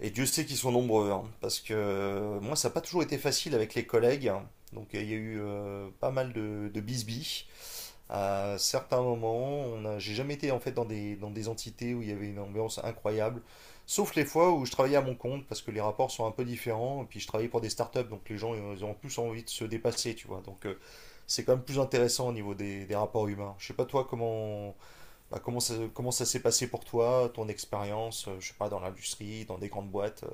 Et Dieu sait qu'ils sont nombreux, hein, parce que moi, ça n'a pas toujours été facile avec les collègues. Hein. Donc, il y a eu pas mal de, bisbis. À certains moments, j'ai jamais été en fait dans des entités où il y avait une ambiance incroyable, sauf les fois où je travaillais à mon compte, parce que les rapports sont un peu différents, et puis je travaillais pour des startups, donc les gens, ils ont plus envie de se dépasser, tu vois. Donc, c'est quand même plus intéressant au niveau des rapports humains. Je sais pas toi comment comment ça s'est passé pour toi, ton expérience, je sais pas dans l'industrie, dans des grandes boîtes.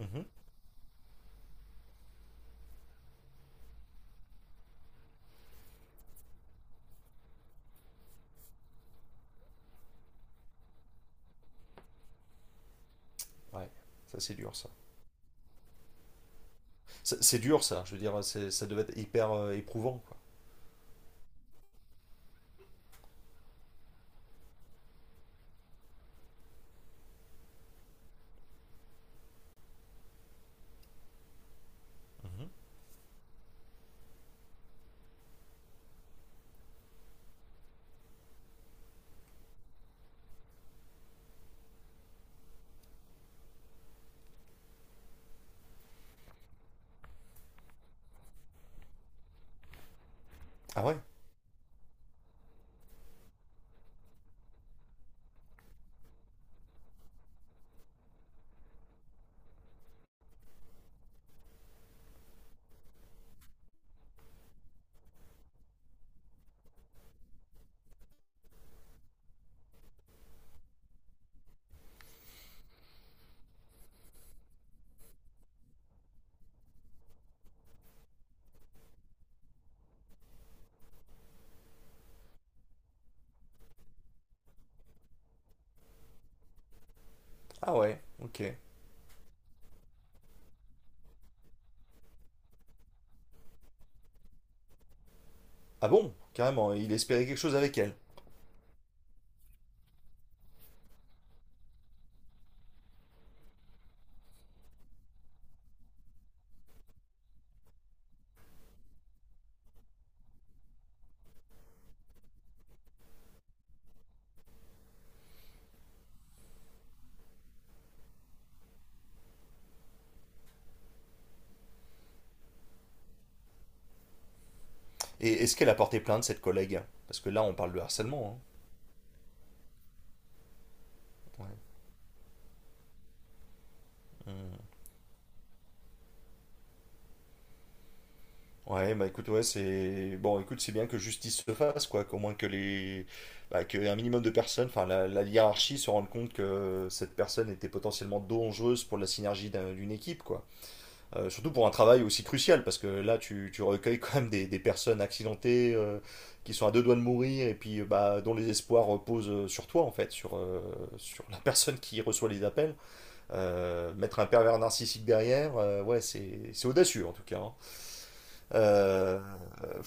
Mhm. Ouais, ça c'est dur ça. C'est dur ça, je veux dire, ça devait être hyper éprouvant quoi. Mhm. Ah ouais? Ah ouais, ok. Ah bon, carrément, il espérait quelque chose avec elle. Et est-ce qu'elle a porté plainte, cette collègue? Parce que là, on parle de harcèlement, hein. Ouais. Mm. Ouais, bah écoute, ouais, Bon, écoute, c'est bien que justice se fasse, quoi. Qu'au moins que les... Bah, qu'un minimum de personnes, enfin, la, hiérarchie se rende compte que cette personne était potentiellement dangereuse pour la synergie d'une équipe, quoi. Surtout pour un travail aussi crucial, parce que là, tu recueilles quand même des personnes accidentées qui sont à deux doigts de mourir et puis bah, dont les espoirs reposent sur toi, en fait, sur la personne qui reçoit les appels. Mettre un pervers narcissique derrière, ouais, c'est audacieux en tout cas. Hein. Euh, euh,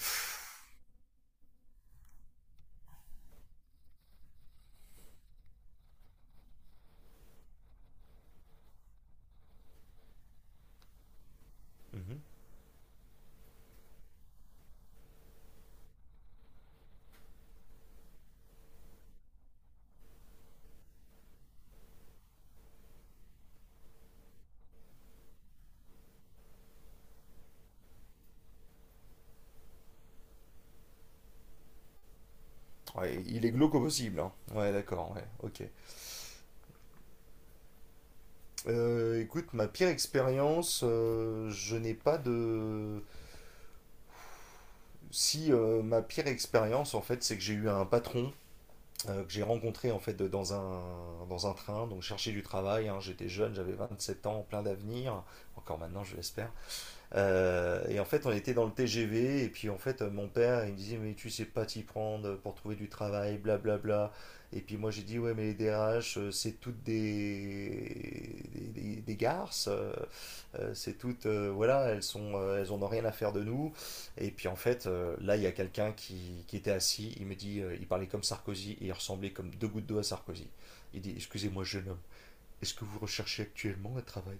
mhm. Ouais, il est glauque au possible. Hein. Ouais, d'accord, ouais, ok. Écoute, ma pire expérience, je n'ai pas de. Si ma pire expérience, en fait, c'est que j'ai eu un patron que j'ai rencontré en fait dans un, train, donc chercher du travail, hein. J'étais jeune, j'avais 27 ans, plein d'avenir, encore maintenant je l'espère, et en fait, on était dans le TGV, et puis en fait, mon père, il me disait, mais tu sais pas t'y prendre pour trouver du travail, blablabla. Et puis moi, j'ai dit, ouais, mais les DRH, c'est toutes des garces, c'est toutes, voilà, elles sont, elles en ont rien à faire de nous. Et puis en fait, là, il y a quelqu'un qui était assis, il me dit, il parlait comme Sarkozy, et il ressemblait comme deux gouttes d'eau à Sarkozy. Il dit, excusez-moi, jeune homme, est-ce que vous recherchez actuellement un travail?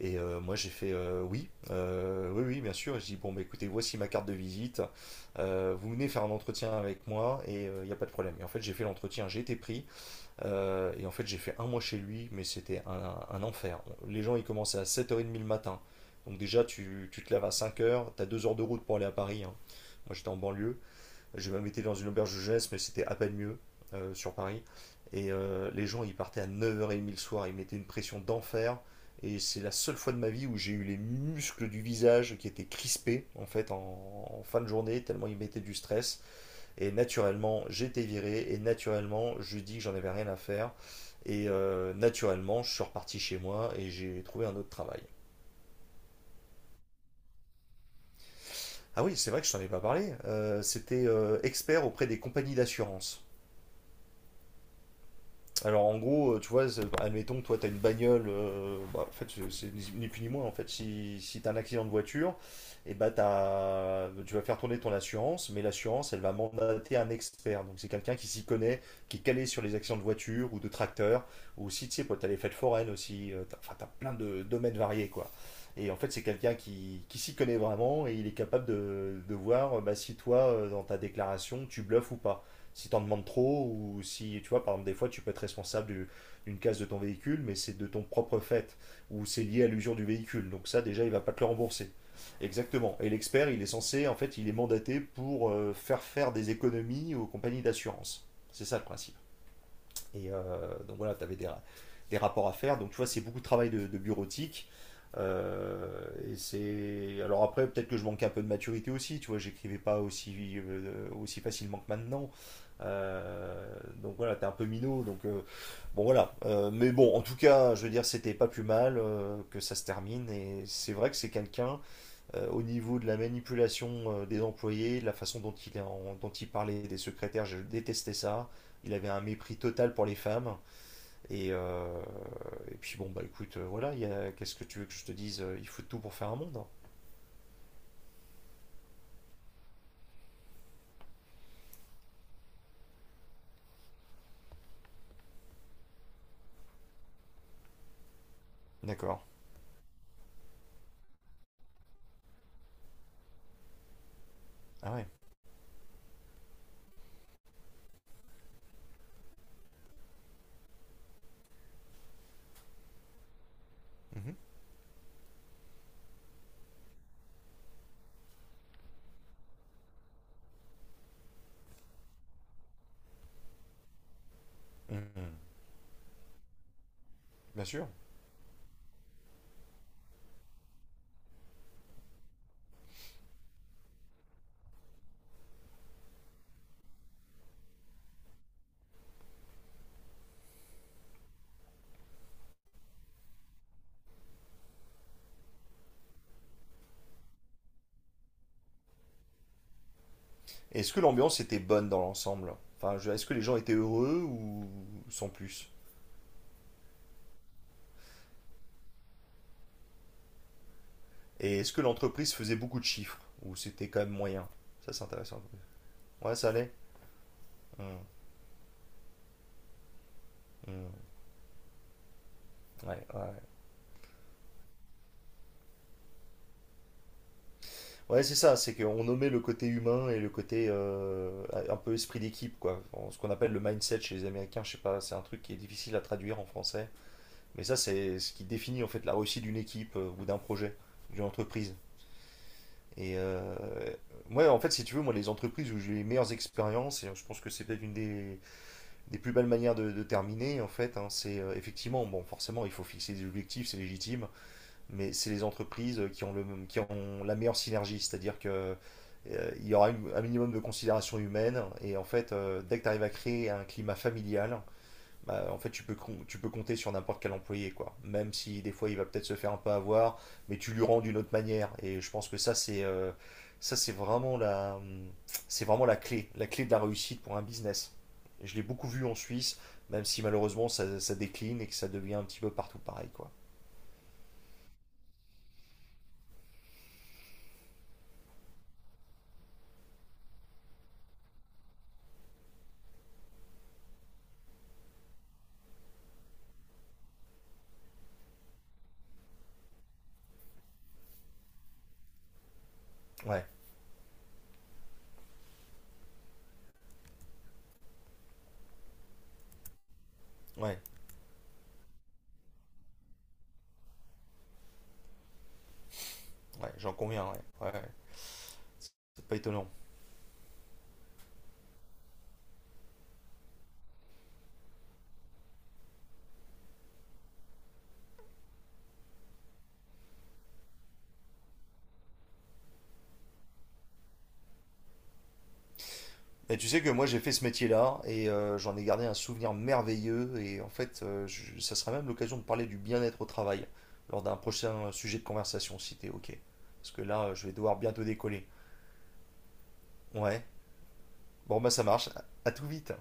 Et moi j'ai fait oui, oui, oui, bien sûr. Et je dis bon, bah, écoutez, voici ma carte de visite. Vous venez faire un entretien avec moi et il n'y a pas de problème. Et en fait, j'ai fait l'entretien, j'ai été pris. Et en fait, j'ai fait un mois chez lui, mais c'était un enfer. Les gens ils commençaient à 7h30 le matin. Donc déjà, tu te lèves à 5 heures, tu as 2 heures de route pour aller à Paris. Hein. Moi j'étais en banlieue. Je même été dans une auberge de jeunesse, mais c'était à peine mieux sur Paris. Et les gens, ils partaient à 9h30 le soir, ils mettaient une pression d'enfer. Et c'est la seule fois de ma vie où j'ai eu les muscles du visage qui étaient crispés en fait en fin de journée, tellement ils mettaient du stress. Et naturellement, j'étais viré, et naturellement, je dis que j'en avais rien à faire. Et naturellement, je suis reparti chez moi et j'ai trouvé un autre travail. Ah oui, c'est vrai que je t'en ai pas parlé. C'était expert auprès des compagnies d'assurance. Alors en gros, tu vois, admettons que toi t'as une bagnole, bah, en fait c'est ni plus ni moins en fait. Si t'as un accident de voiture, et bah tu vas faire tourner ton assurance, mais l'assurance elle va mandater un expert. Donc c'est quelqu'un qui s'y connaît, qui est calé sur les accidents de voiture ou de tracteur, ou aussi tu sais, quoi, t'as les fêtes foraines aussi, enfin t'as plein de domaines variés quoi. Et en fait c'est quelqu'un qui, s'y connaît vraiment et il est capable de voir bah, si toi, dans ta déclaration, tu bluffes ou pas, si t'en demandes trop, ou si tu vois, par exemple des fois tu peux être responsable d'une casse de ton véhicule mais c'est de ton propre fait, ou c'est lié à l'usure du véhicule, donc ça déjà il va pas te le rembourser. Exactement. Et l'expert il est censé, en fait il est mandaté pour faire faire des économies aux compagnies d'assurance, c'est ça le principe. Et donc voilà, tu avais des, rapports à faire. Donc tu vois, c'est beaucoup de travail de bureautique. Euh, et c'est, alors après peut-être que je manquais un peu de maturité aussi, tu vois, j'écrivais pas aussi aussi facilement que maintenant. Euh, donc voilà, t'es un peu minot, donc bon voilà. Mais bon, en tout cas je veux dire, c'était pas plus mal que ça se termine, et c'est vrai que c'est quelqu'un, au niveau de la manipulation, des employés, de la façon dont il parlait des secrétaires, je détestais ça. Il avait un mépris total pour les femmes. Et, euh, et puis bon, bah écoute, voilà, qu'est-ce que tu veux que je te dise? Il faut tout pour faire un monde. D'accord. Ah ouais. Mhm. Mhm. Bien sûr. Et est-ce que l'ambiance était bonne dans l'ensemble? Enfin, est-ce que les gens étaient heureux ou sans plus? Et est-ce que l'entreprise faisait beaucoup de chiffres? Ou c'était quand même moyen? Ça, c'est intéressant. Ouais, ça allait. Mhm. Mhm. Ouais, ouais, ouais. Ouais, c'est ça, c'est qu'on nommait le côté humain et le côté, un peu esprit d'équipe, quoi. Ce qu'on appelle le mindset chez les Américains, je sais pas, c'est un truc qui est difficile à traduire en français. Mais ça, c'est ce qui définit en fait la réussite d'une équipe, ou d'un projet, d'une entreprise. Et ouais, en fait, si tu veux, moi, les entreprises où j'ai eu les meilleures expériences, et je pense que c'est peut-être une des, plus belles manières de terminer, en fait, hein, c'est effectivement, bon, forcément, il faut fixer des objectifs, c'est légitime, mais c'est les entreprises qui ont la meilleure synergie, c'est-à-dire que il y aura un minimum de considération humaine, et en fait, dès que tu arrives à créer un climat familial, bah, en fait, tu peux compter sur n'importe quel employé, quoi. Même si des fois, il va peut-être se faire un peu avoir, mais tu lui rends d'une autre manière, et je pense que ça, ça, c'est vraiment la, c'est vraiment la clé de la réussite pour un business. Je l'ai beaucoup vu en Suisse, même si malheureusement ça décline et que ça devient un petit peu partout pareil, quoi. Ouais, ouais. Ouais, j'en conviens, ouais. Ouais. Ouais. C'est pas étonnant. Et tu sais que moi j'ai fait ce métier-là et j'en ai gardé un souvenir merveilleux, et en fait ça sera même l'occasion de parler du bien-être au travail lors d'un prochain sujet de conversation, si t'es ok. Parce que là je vais devoir bientôt décoller. Ouais, bon bah ça marche, à tout vite.